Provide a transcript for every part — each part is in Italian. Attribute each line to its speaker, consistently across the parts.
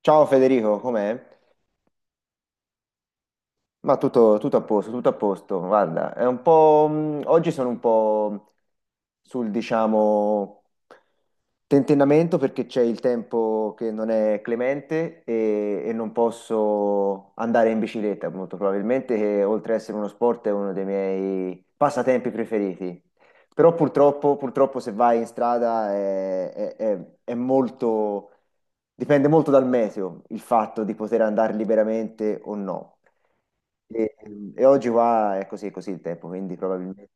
Speaker 1: Ciao Federico, com'è? Ma tutto, tutto a posto, tutto a posto. Guarda, è un po'. Oggi sono un po' sul, diciamo, tentennamento perché c'è il tempo che non è clemente e non posso andare in bicicletta, molto probabilmente, che oltre ad essere uno sport è uno dei miei passatempi preferiti. Però purtroppo, purtroppo se vai in strada è molto, dipende molto dal meteo il fatto di poter andare liberamente o no. E, e oggi qua è così il tempo, quindi probabilmente.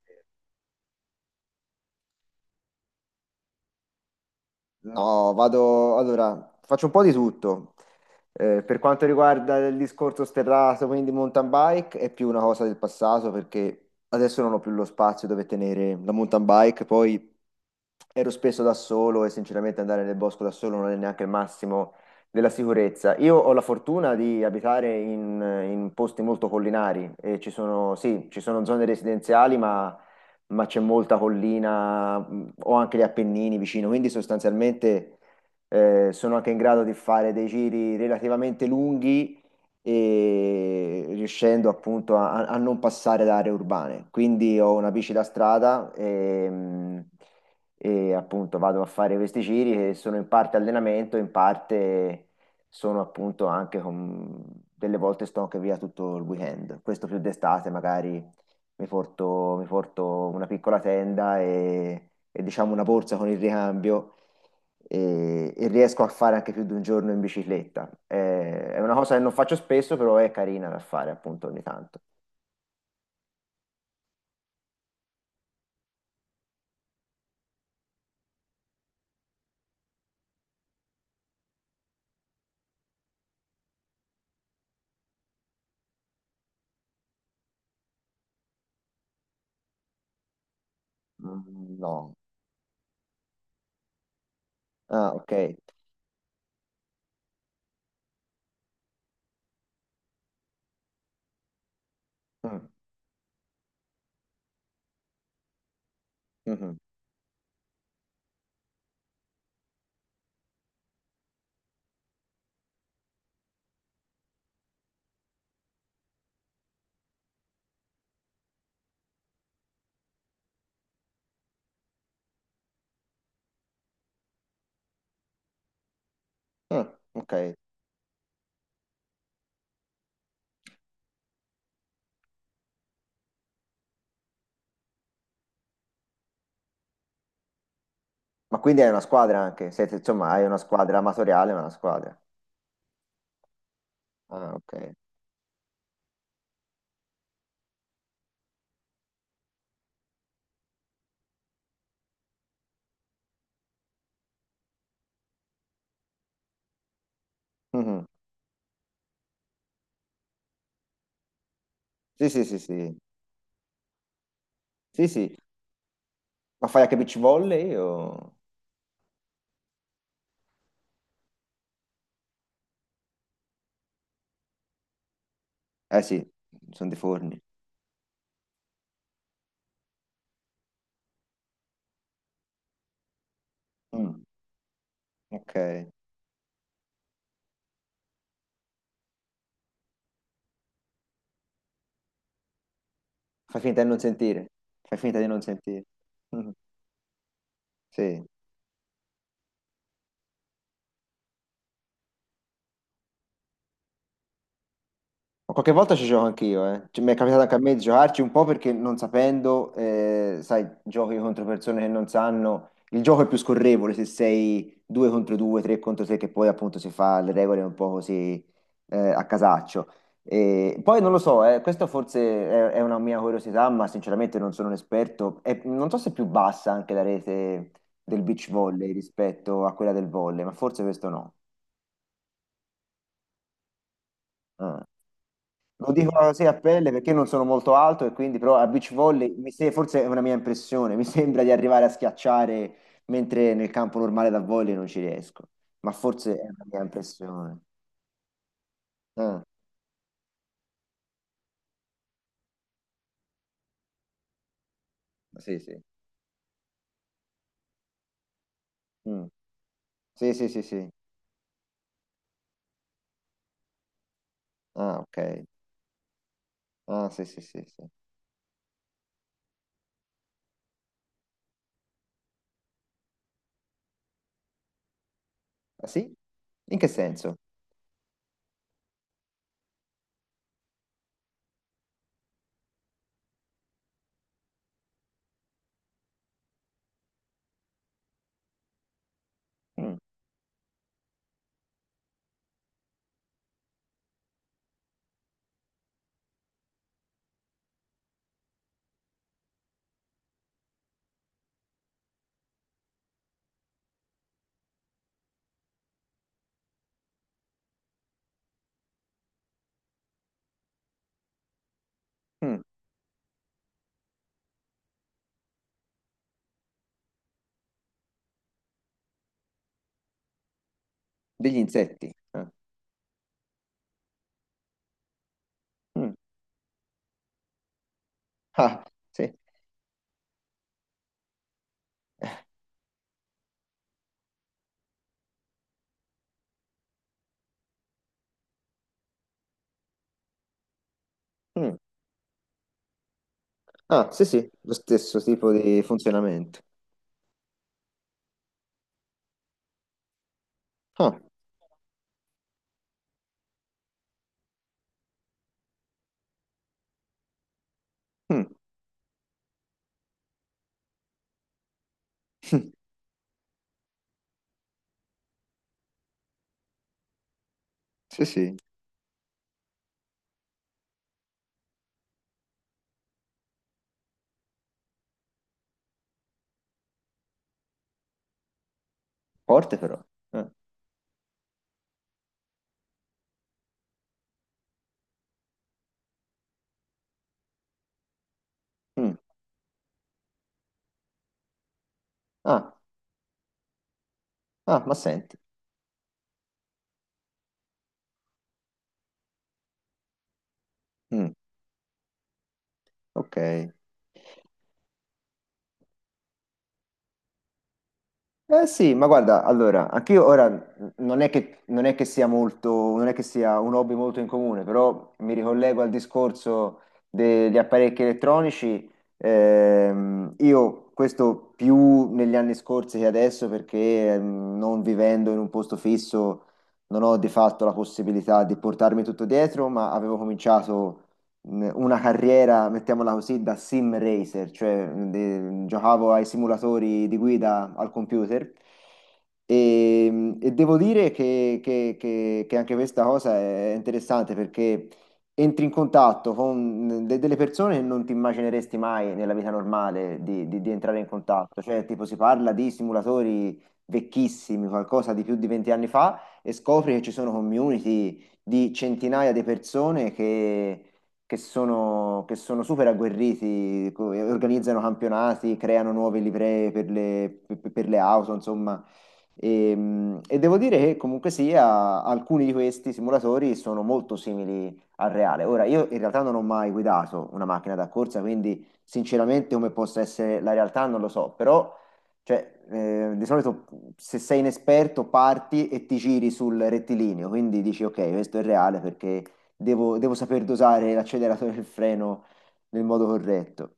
Speaker 1: No, vado. Allora, faccio un po' di tutto. Per quanto riguarda il discorso sterrato, quindi mountain bike, è più una cosa del passato perché adesso non ho più lo spazio dove tenere la mountain bike, poi ero spesso da solo e sinceramente andare nel bosco da solo non è neanche il massimo della sicurezza. Io ho la fortuna di abitare in posti molto collinari e ci sono, sì, ci sono zone residenziali, ma c'è molta collina, ho anche gli Appennini vicino, quindi sostanzialmente sono anche in grado di fare dei giri relativamente lunghi e riuscendo appunto a non passare da aree urbane. Quindi ho una bici da strada e e appunto vado a fare questi giri che sono in parte allenamento, in parte sono appunto anche con. Delle volte sto anche via tutto il weekend, questo più d'estate magari mi porto una piccola tenda e, diciamo una borsa con il ricambio e riesco a fare anche più di un giorno in bicicletta. È una cosa che non faccio spesso, però è carina da fare appunto ogni tanto. Mm. No. Ah, ok. Mm. Mhm. Ah, ok. Ma quindi hai una squadra anche? Siete, insomma, hai una squadra amatoriale, ma una squadra. Ah, ok. Mhm. Sì, sì, sì, sì. Sì, sì. Ma fai anche beach volley o? Eh sì, sono dei forni. Mm. Ok, fai finta di non sentire, fai finta di non sentire. Sì. Ma qualche volta ci gioco anch'io, eh. Cioè, mi è capitato anche a me di giocarci un po' perché non sapendo, sai, giochi contro persone che non sanno, il gioco è più scorrevole se sei due contro due, tre contro tre, che poi appunto si fa le regole un po' così, a casaccio. E poi non lo so, questo forse è una mia curiosità, ma sinceramente non sono un esperto. E non so se è più bassa anche la rete del beach volley rispetto a quella del volley, ma forse questo no. Ah. Lo dico così a pelle perché io non sono molto alto e quindi però a beach volley mi se- forse è una mia impressione, mi sembra di arrivare a schiacciare mentre nel campo normale da volley non ci riesco, ma forse è una mia impressione. Ah, sì, sì. Mm. Sì, sì, sì, sì. Ah, ok. Ah, sì, sì, sì, sì. Ah, sì? In che senso? Mm. Mm. Degli insetti. Ah, mm, ah, sì. Mm. Ah, sì, sì, lo stesso tipo di funzionamento. Ah. Mm. Sì, sì, forte però. Ah. Mm. Ah, ah, ma senti. Mm. Ok. Eh sì, ma guarda, allora, anch'io ora non è che sia molto, non è che sia un hobby molto in comune, però mi ricollego al discorso degli apparecchi elettronici. Io questo più negli anni scorsi che adesso, perché non vivendo in un posto fisso non ho di fatto la possibilità di portarmi tutto dietro, ma avevo cominciato. Una carriera, mettiamola così, da sim racer, cioè giocavo ai simulatori di guida al computer e e devo dire che, che anche questa cosa è interessante perché entri in contatto con delle persone che non ti immagineresti mai nella vita normale di, di entrare in contatto, cioè tipo si parla di simulatori vecchissimi, qualcosa di più di 20 anni fa e scopri che ci sono community di centinaia di persone che sono super agguerriti, e organizzano campionati, creano nuove livree per le, per le auto, insomma. E e devo dire che comunque sia, alcuni di questi simulatori sono molto simili al reale. Ora, io in realtà non ho mai guidato una macchina da corsa, quindi sinceramente come possa essere la realtà non lo so, però cioè, di solito se sei inesperto parti e ti giri sul rettilineo, quindi dici ok, questo è reale perché devo saper dosare l'acceleratore e il freno nel modo corretto.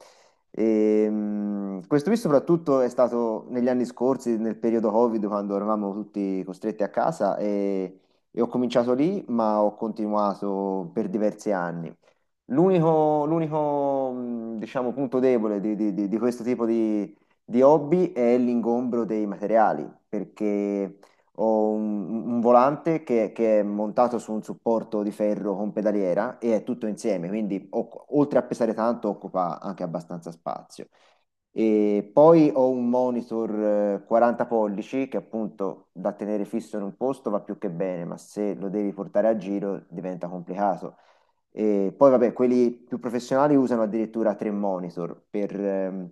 Speaker 1: Questo qui soprattutto è stato negli anni scorsi, nel periodo Covid, quando eravamo tutti costretti a casa e ho cominciato lì, ma ho continuato per diversi anni. L'unico, l'unico, diciamo, punto debole di, di questo tipo di, hobby è l'ingombro dei materiali, perché ho un volante che è montato su un supporto di ferro con pedaliera e è tutto insieme, quindi oltre a pesare tanto occupa anche abbastanza spazio. E poi ho un monitor 40 pollici che appunto da tenere fisso in un posto va più che bene, ma se lo devi portare a giro diventa complicato. E poi, vabbè, quelli più professionali usano addirittura tre monitor per, ehm,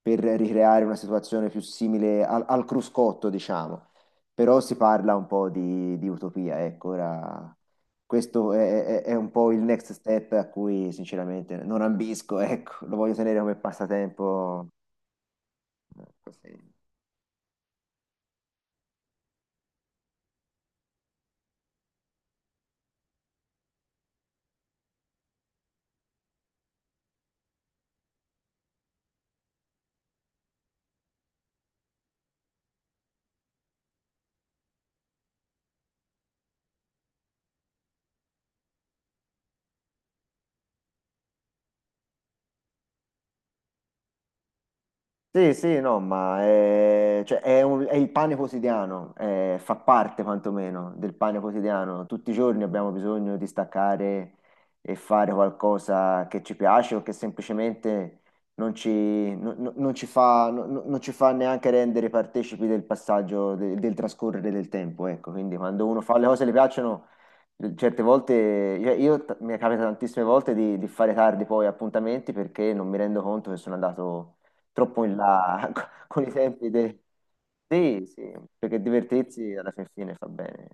Speaker 1: per ricreare una situazione più simile al cruscotto, diciamo. Però si parla un po' di, utopia, ecco, ora questo è un po' il next step a cui sinceramente non ambisco, ecco, lo voglio tenere come passatempo. Così. Sì, sì, no, ma è, cioè, è il pane quotidiano, fa parte quantomeno del pane quotidiano. Tutti i giorni abbiamo bisogno di staccare e fare qualcosa che ci piace o che semplicemente non ci, non ci fa, non ci fa neanche rendere partecipi del passaggio, del trascorrere del tempo. Ecco, quindi quando uno fa le cose che le piacciono, certe volte, mi capita tantissime volte di, fare tardi poi appuntamenti perché non mi rendo conto che sono andato troppo in là con i tempi dei. Sì, sì, perché divertirsi alla fin fine fa bene.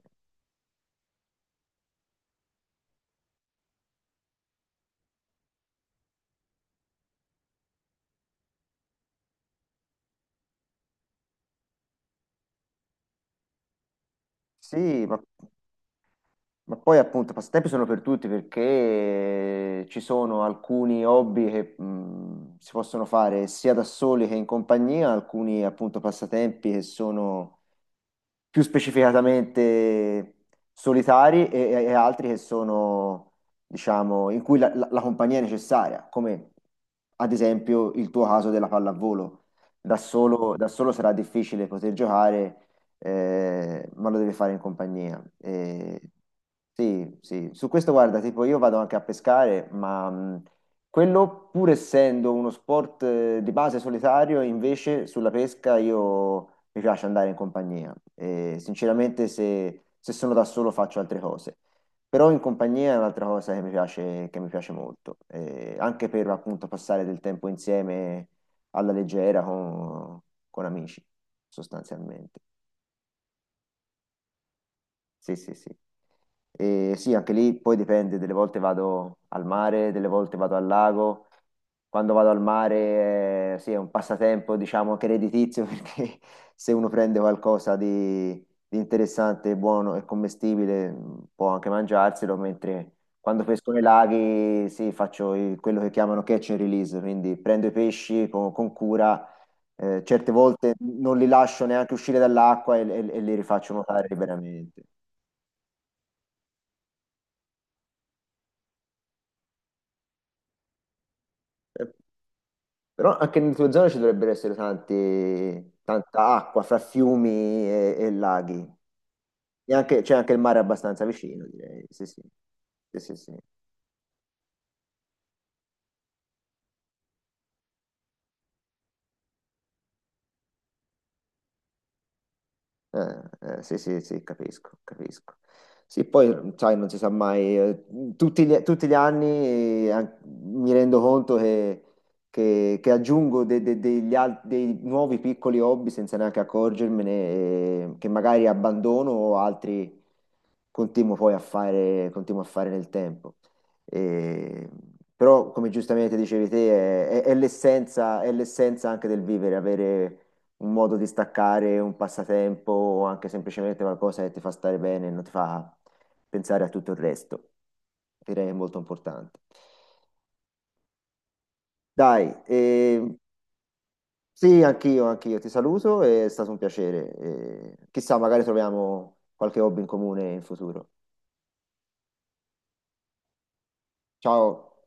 Speaker 1: Sì, ma poi appunto i passatempi sono per tutti perché ci sono alcuni hobby che si possono fare sia da soli che in compagnia, alcuni appunto passatempi che sono più specificatamente solitari e altri che sono, diciamo, in cui la compagnia è necessaria, come ad esempio il tuo caso della pallavolo. Da solo sarà difficile poter giocare, ma lo devi fare in compagnia. E sì, sì, su questo guarda, tipo io vado anche a pescare, ma quello, pur essendo uno sport di base solitario, invece sulla pesca io mi piace andare in compagnia. E, sinceramente, se sono da solo faccio altre cose. Però in compagnia è un'altra cosa che mi piace molto, e anche per appunto passare del tempo insieme alla leggera con, amici, sostanzialmente. Sì, sì, sì. E sì, anche lì poi dipende, delle volte vado al mare, delle volte vado al lago. Quando vado al mare, sì, è un passatempo, diciamo, anche redditizio, perché se uno prende qualcosa di, interessante, buono e commestibile, può anche mangiarselo, mentre quando pesco nei laghi, sì, faccio il- quello che chiamano catch and release, quindi prendo i pesci con, cura, certe volte non li lascio neanche uscire dall'acqua e li rifaccio nuotare liberamente. Però anche nelle tue zone ci dovrebbero essere tanti, tanta acqua fra fiumi e laghi. C'è anche il mare abbastanza vicino, direi. Sì, sì. Sì, sì, sì. Sì, sì, sì, capisco, capisco. Sì, poi, sai, non si sa mai, tutti gli, anni mi rendo conto che, aggiungo dei nuovi piccoli hobby senza neanche accorgermene, che magari abbandono o altri continuo poi a fare, continuo a fare nel tempo. Eh, Però, come giustamente dicevi te, è l'essenza, è l'essenza anche del vivere, avere un modo di staccare, un passatempo o anche semplicemente qualcosa che ti fa stare bene e non ti fa pensare a tutto il resto. Direi che è molto importante. Dai, sì, anch'io ti saluto, è stato un piacere. Chissà, magari troviamo qualche hobby in comune in futuro. Ciao.